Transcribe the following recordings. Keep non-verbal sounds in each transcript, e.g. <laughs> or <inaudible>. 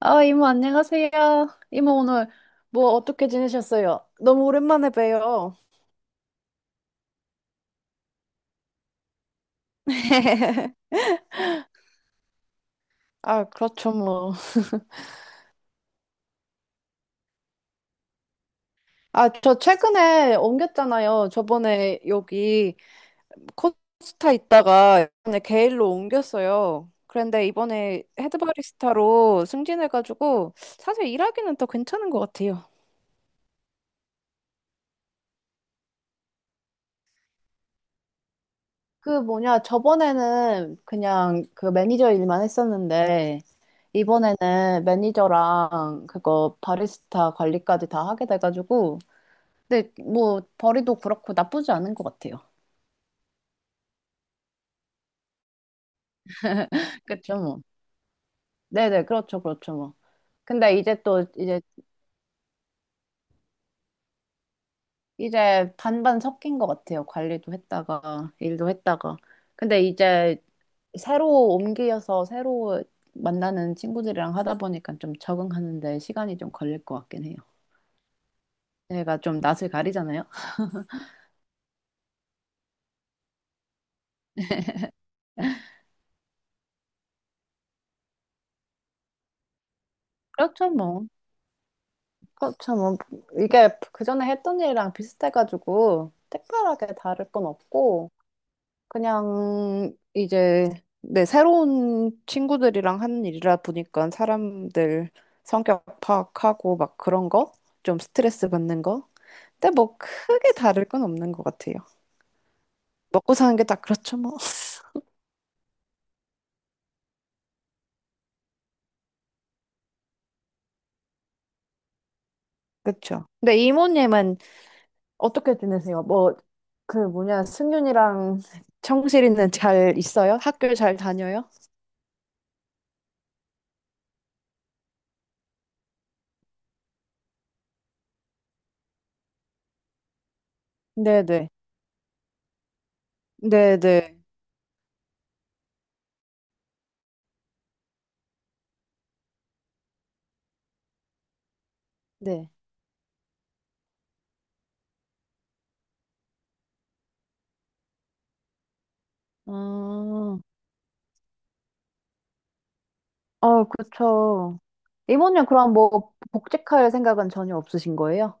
아, 이모, 안녕하세요. 이모, 오늘 뭐 어떻게 지내셨어요? 너무 오랜만에 봬요. <laughs> 아, 그렇죠, 뭐. 아, 저 최근에 옮겼잖아요. 저번에 여기 코스타 있다가 이번에 게일로 옮겼어요. 그런데 이번에 헤드 바리스타로 승진해가지고 사실 일하기는 더 괜찮은 것 같아요. 그 뭐냐, 저번에는 그냥 그 매니저 일만 했었는데, 이번에는 매니저랑 그거 바리스타 관리까지 다 하게 돼가지고, 근데 뭐 벌이도 그렇고 나쁘지 않은 것 같아요. 그쵸? 렇죠 뭐. 네네, 그렇죠, 그렇죠 뭐. 근데 이제 또 이제 이제 반반 섞인 것 같아요. 관리도 했다가 일도 했다가. 근데 이제 새로 옮겨서 새로 만나는 친구들이랑 하다 보니까 좀 적응하는데 시간이 좀 걸릴 것 같긴 해요. 제가 좀 낯을 가리잖아요. 그렇죠, 뭐. 그렇죠, 뭐. 이게 그 전에 했던 일이랑 비슷해가지고, 특별하게 다를 건 없고, 그냥 이제 내 새로운 친구들이랑 하는 일이라 보니까 사람들 성격 파악하고 막 그런 거? 좀 스트레스 받는 거? 근데 뭐 크게 다를 건 없는 것 같아요. 먹고 사는 게 딱 그렇죠, 뭐. <laughs> 그렇죠. 근데 이모님은 어떻게 지내세요? 뭐, 그 뭐냐, 승윤이랑 청실이는 잘 있어요? 학교 잘 다녀요? 네네. 네네. 네. 아, 아, 그쵸. 이모님 그럼 뭐 복직할 생각은 전혀 없으신 거예요?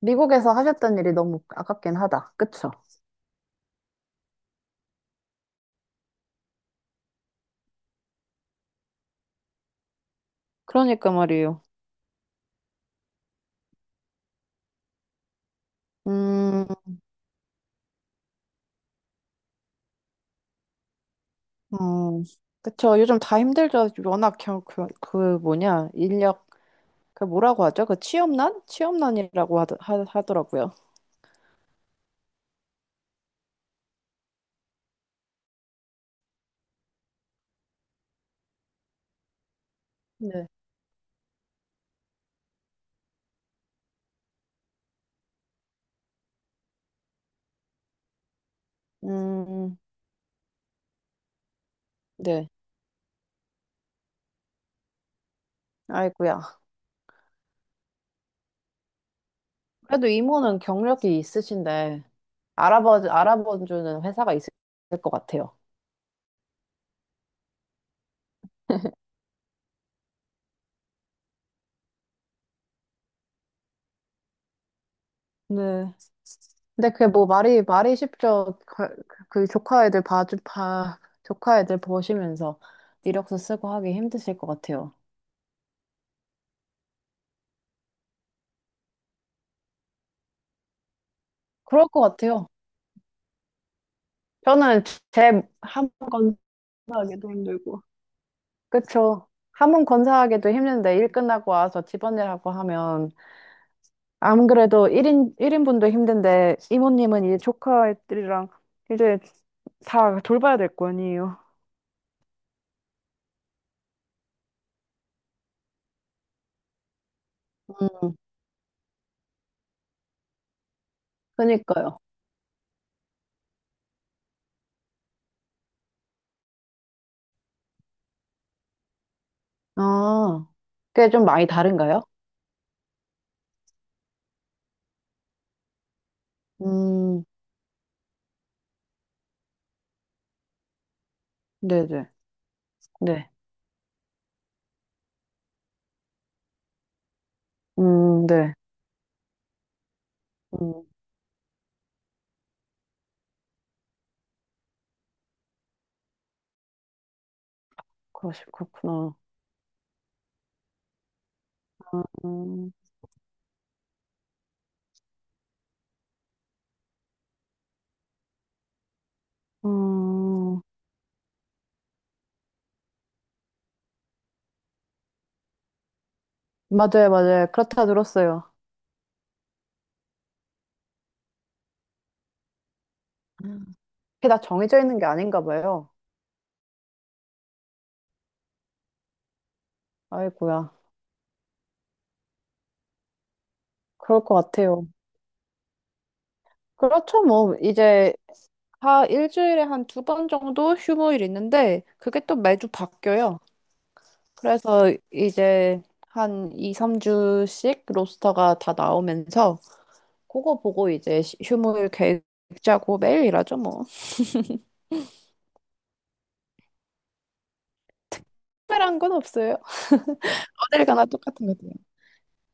미국에서 하셨던 일이 너무 아깝긴 하다. 그쵸? 그러니까 말이에요. 음, 음, 그쵸. 요즘 다 힘들죠. 워낙 그 뭐냐, 인력, 그 뭐라고 하죠? 그 취업난? 취업난이라고 하더라고요. 네. 음, 네. 아이고야. 그래도 이모는 경력이 있으신데, 알아봐주는 회사가 있을 것 같아요. 네. 근데 그게 뭐 말이 쉽죠. 그, 그 조카 애들 조카 애들 보시면서 이력서 쓰고 하기 힘드실 것 같아요. 그럴 것 같아요. 저는 제 한 건, 하기도 힘들고. 그쵸. 한 번 건사하기도 힘든데 일 끝나고 와서 집안일하고 하면 안 그래도 일인분도 힘든데, 이모님은 이제 조카들이랑 이제 다 돌봐야 될 거 아니에요. 음, 그니까요. 아, 그게 좀 많이 다른가요? 음, 네네. 네. 네. 음, 그렇구나. 음, 음, 맞아요, 맞아요. 그렇다 들었어요. 이게 다 정해져 있는 게 아닌가 봐요. 아이고야. 그럴 것 같아요. 그렇죠, 뭐. 이제 다 일주일에 한 두 번 정도 휴무일 있는데 그게 또 매주 바뀌어요. 그래서 이제 한 2, 3주씩 로스터가 다 나오면서 그거 보고 이제 휴무일 계획 짜고 매일 일하죠 뭐. 특별한 건 없어요. 어딜 가나 똑같은 것 같아요.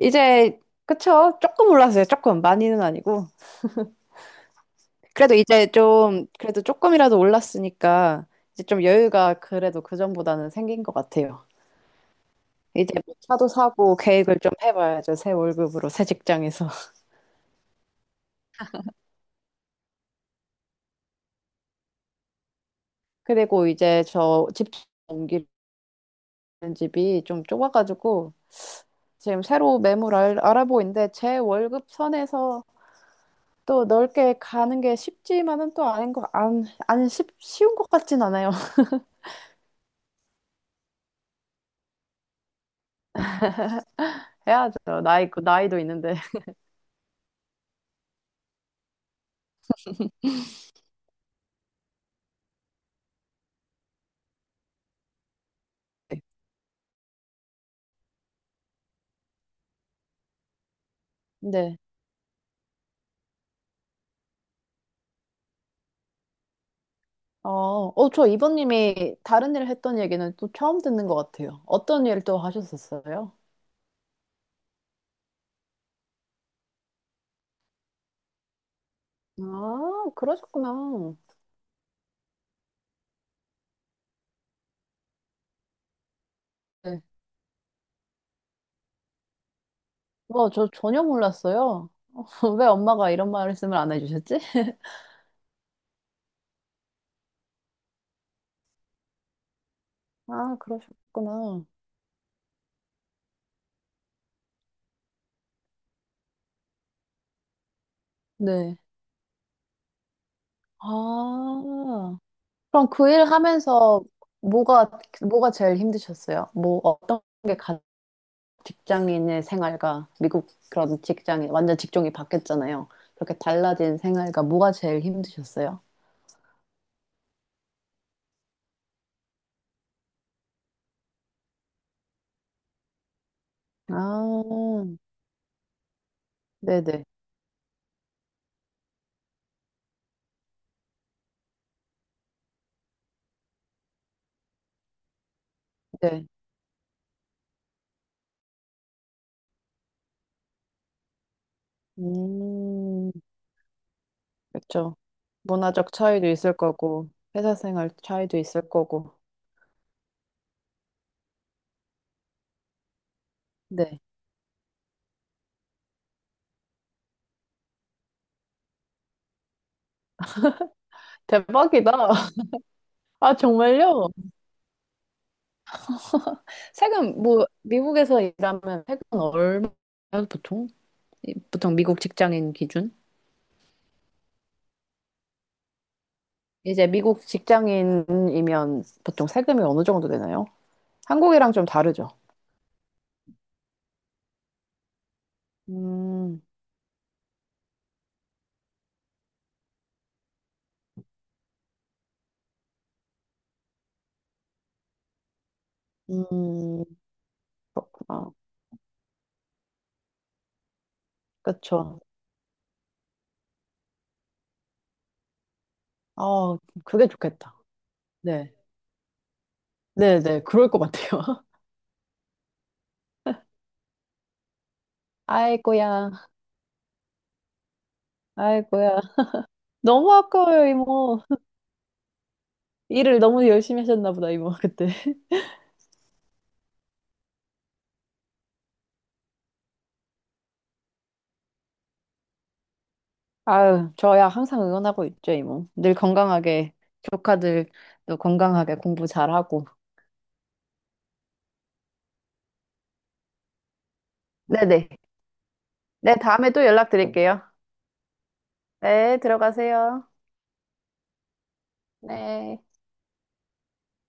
이제 그쵸? 조금 올랐어요. 조금 많이는 아니고. 그래도 이제 좀 그래도 조금이라도 올랐으니까 이제 좀 여유가 그래도 그 전보다는 생긴 것 같아요. 이제 뭐 차도 사고 계획을 좀 해봐야죠. 새 월급으로 새 직장에서. <laughs> 그리고 이제 저 집 옮기는 집이 좀 좁아가지고 지금 새로 매물 알, 아보고 있는데 제 월급 선에서 또 넓게 가는 게 쉽지만은 또 아닌 거, 안 쉬운 것 같진 않아요. <laughs> 해야죠. 나이, 그 나이도 있는데. <laughs> 네. 어, 어, 저 이번님이 다른 일 했던 얘기는 또 처음 듣는 것 같아요. 어떤 일 또 하셨었어요? 아, 그러셨구나. 네. 와, 저 전혀 몰랐어요. <laughs> 왜 엄마가 이런 말씀을 안 해주셨지? <laughs> 아, 그러셨구나. 네. 아, 그럼 그 일 하면서 뭐가, 뭐가 제일 힘드셨어요? 뭐, 어떤 게 가, 직장인의 생활과 미국 그런 직장인, 완전 직종이 바뀌었잖아요. 그렇게 달라진 생활과 뭐가 제일 힘드셨어요? 아, 네네, 네. 음, 그렇죠. 문화적 차이도 있을 거고, 회사 생활 차이도 있을 거고. 네. 대박이다. <laughs> 아, 정말요? 세금, 뭐, 미국에서 일하면 세금 얼마예요, 보통? 이- 보통 미국 직장인 기준? 이제 미국 직장인이면 보통 세금이 어느 정도 되나요? 한국이랑 좀 다르죠? 음, 음, 그렇구나. 그쵸. 아, 그게 좋겠다. 네. 네네, 그럴 것 같아요. <laughs> 아이고야, 아이고야. 너무 아까워요, 이모. 일을 너무 열심히 하셨나 보다, 이모, 그때. 아유, 저야 항상 응원하고 있죠, 이모. 늘 건강하게, 조카들도 건강하게 공부 잘하고. 네네. 네, 다음에 또 연락드릴게요. 네, 들어가세요. 네.